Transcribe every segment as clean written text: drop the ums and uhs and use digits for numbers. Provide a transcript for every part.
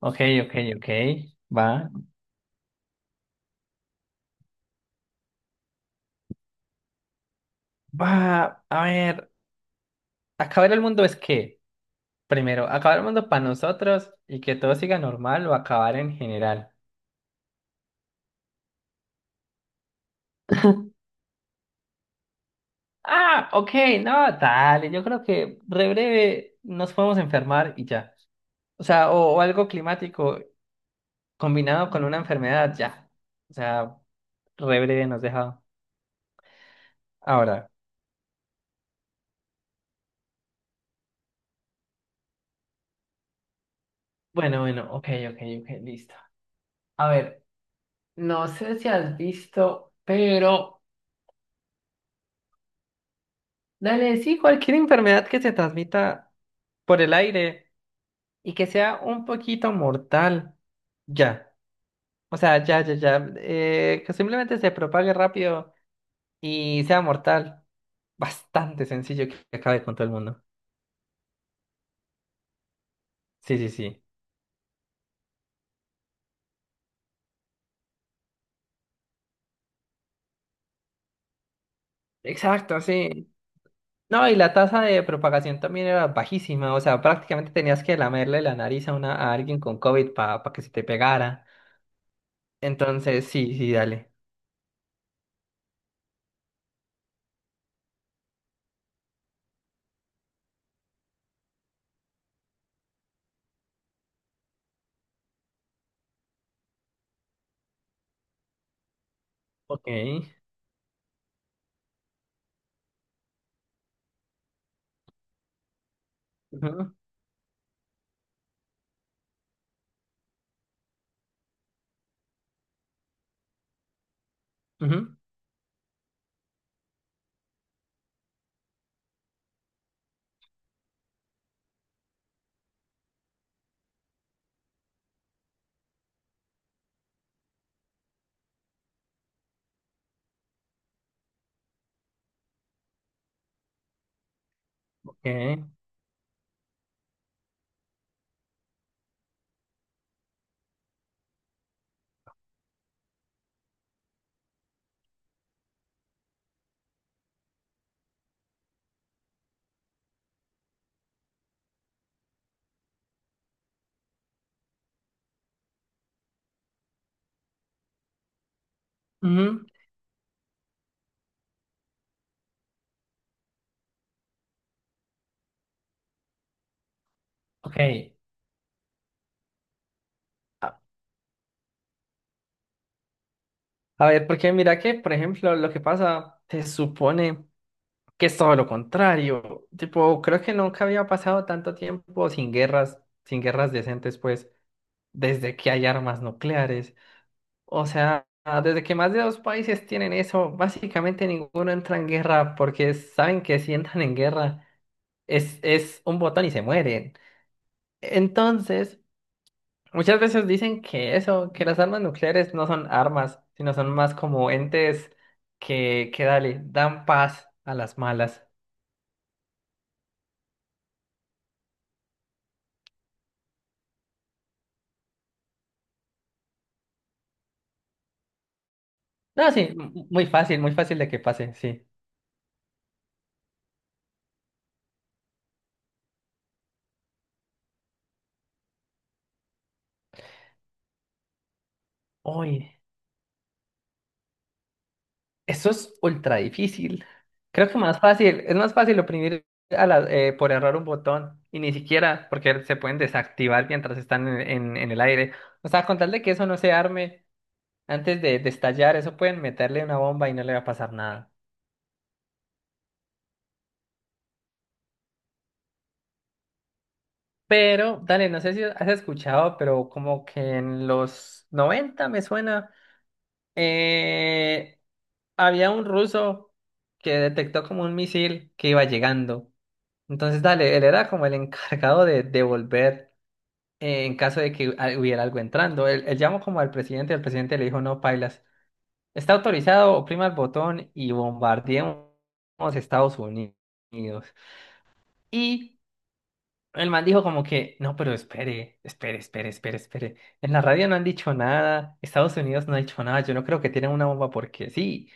Ok, ok, ok. Va. Va. A ver, ¿acabar el mundo es qué? Primero, ¿acabar el mundo para nosotros y que todo siga normal o acabar en general? Ah, ok, no, dale. Yo creo que re breve nos podemos enfermar y ya. O sea, o algo climático combinado con una enfermedad, ya. O sea, re breve nos deja. Ahora. Bueno, bueno, ok, ok, ok, listo. A ver, no sé si has visto, pero. Dale, sí, cualquier enfermedad que se transmita por el aire y que sea un poquito mortal, ya. O sea, ya, ya, ya. Que simplemente se propague rápido y sea mortal. Bastante sencillo que acabe con todo el mundo. Sí, sí, sí. Exacto, sí. No, y la tasa de propagación también era bajísima. O sea, prácticamente tenías que lamerle la nariz a alguien con COVID para que se te pegara. Entonces, sí, sí, dale. Ok. Ujú, ujú, ok. Ujú. Ok, a ver, porque mira que, por ejemplo, lo que pasa, se supone que es todo lo contrario. Tipo, creo que nunca había pasado tanto tiempo sin guerras, sin guerras decentes, pues, desde que hay armas nucleares. O sea, desde que más de dos países tienen eso, básicamente ninguno entra en guerra porque saben que si entran en guerra es un botón y se mueren. Entonces… muchas veces dicen que eso, que las armas nucleares no son armas, sino son más como entes que dale, dan paz a las malas. No, sí, muy fácil de que pase, sí. Uy, eso es ultra difícil. Creo que más fácil, es más fácil oprimir por error un botón, y ni siquiera porque se pueden desactivar mientras están en el aire. O sea, con tal de que eso no se arme antes de estallar, eso pueden meterle una bomba y no le va a pasar nada. Pero, dale, no sé si has escuchado, pero como que en los 90 me suena, eh, había un ruso que detectó como un misil que iba llegando. Entonces, dale, él era como el encargado de devolver en caso de que hubiera algo entrando. Él llamó como al presidente, el presidente le dijo, no, pailas, está autorizado, oprima el botón y bombardeemos Estados Unidos. Y el man dijo como que, no, pero espere, espere, espere, espere, espere. En la radio no han dicho nada, Estados Unidos no ha dicho nada, yo no creo que tienen una bomba porque sí.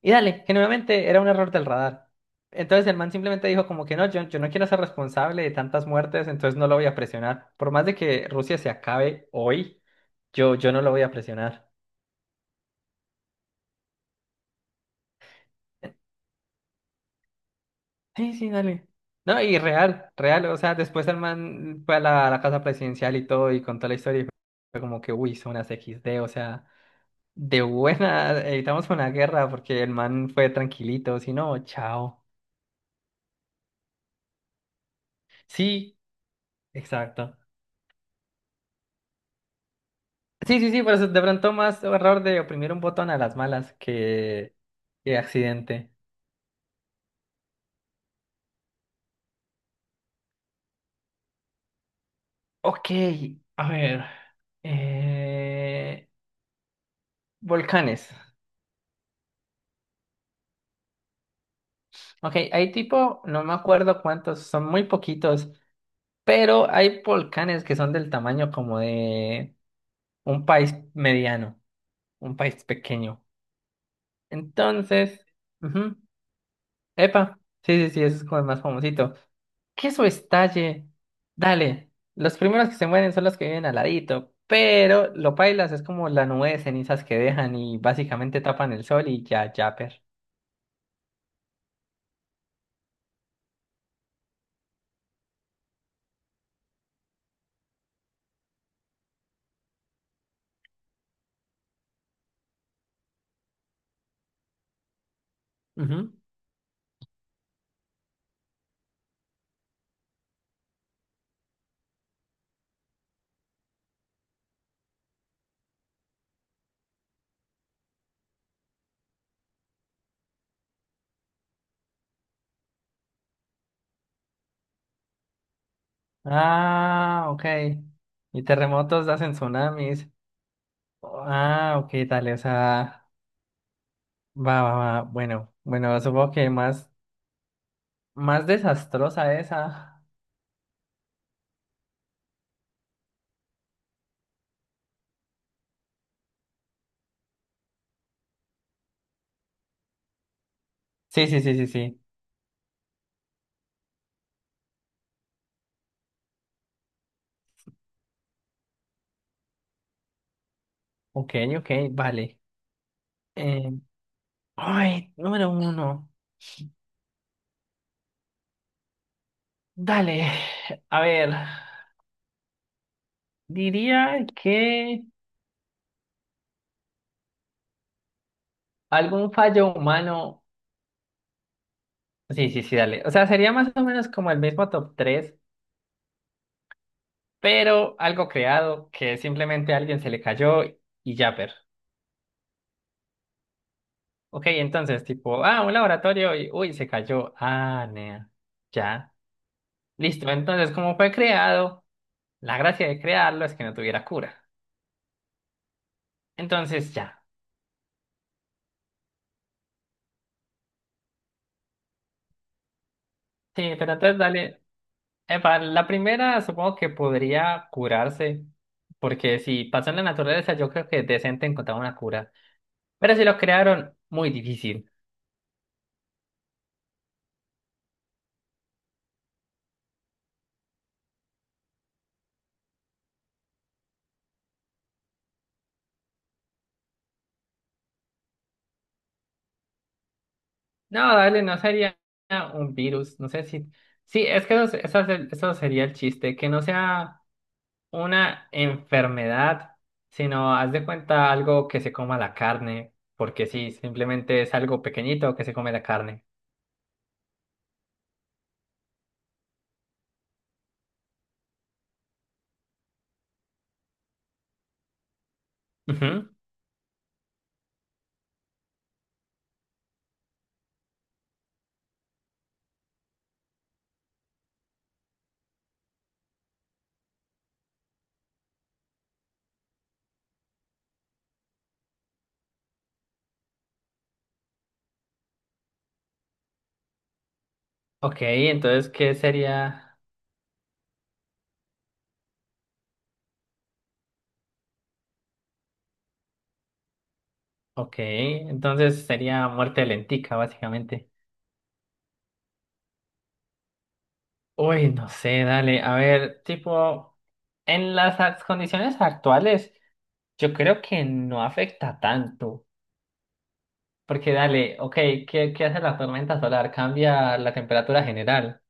Y dale, que nuevamente era un error del radar. Entonces el man simplemente dijo como que no, yo no quiero ser responsable de tantas muertes, entonces no lo voy a presionar. Por más de que Rusia se acabe hoy, yo no lo voy a presionar. Sí, sí, dale. No, y real, real, o sea, después el man fue a la casa presidencial y todo y contó la historia y fue como que, uy, son unas equis de, o sea… de buena, evitamos una guerra porque el man fue tranquilito, si no, chao. Sí, exacto. Sí, sí, sí, pero es de pronto más error de oprimir un botón a las malas que accidente. Ok, a ver. eh, Volcanes. Ok, hay tipo, no me acuerdo cuántos, son muy poquitos, pero hay volcanes que son del tamaño como de un país mediano, un país pequeño. Entonces… ujú. Epa, sí, sí, sí, ese es como el más famosito. Queso estalle, dale. Los primeros que se mueren son los que viven al ladito, pero lo pailas es como la nube de cenizas que dejan y básicamente tapan el sol y ya, ya, per. Ujú. Ah, ok. Y terremotos hacen tsunamis. Ah, ok, dale, o sea, va, va, va. Bueno, bueno, supongo que más desastrosa esa. Sí, sí, sí, sí, sí. Ok, ok, vale. Eh, Ay, número uno. Dale, a ver, diría que algún fallo humano. Sí, sí, sí, dale. O sea, sería más o menos como el mismo top 3, pero algo creado que simplemente a alguien se le cayó y ya, pero. Ok, entonces, tipo, ah, un laboratorio y uy, se cayó. Ah, nea. Ya. Listo, entonces, como fue creado, la gracia de crearlo es que no tuviera cura. Entonces, ya. Sí, pero entonces, dale. Epa, la primera supongo que podría curarse, porque si pasó en la naturaleza, yo creo que es decente encontrar una cura. Pero si lo crearon, muy difícil. No, dale, no sería un virus, no sé si… sí, es que eso eso sería el chiste, que no sea una enfermedad, sino haz de cuenta algo que se coma la carne, porque sí, simplemente es algo pequeñito que se come la carne. Ujú. Ok, entonces, ¿qué sería? Ok, entonces sería muerte lentica, básicamente. Uy, no sé, dale. A ver, tipo, en las condiciones actuales, yo creo que no afecta tanto. Porque dale, ok, ¿qué hace la tormenta solar? Cambia la temperatura general.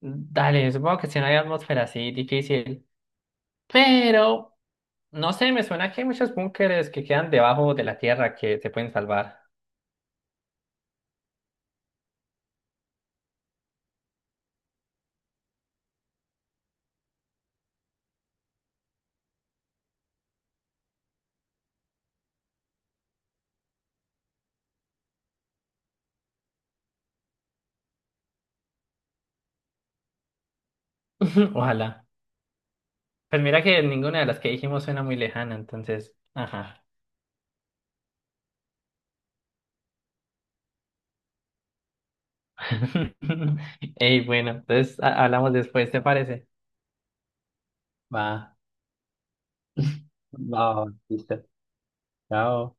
Dale, supongo que si no hay atmósfera así, difícil. Pero, no sé, me suena que hay muchos búnkeres que quedan debajo de la tierra que se pueden salvar. Ojalá. Pues mira que ninguna de las que dijimos suena muy lejana, entonces, ajá. Ey, bueno, entonces hablamos después, ¿te parece? Va, va, va, listo. Chao.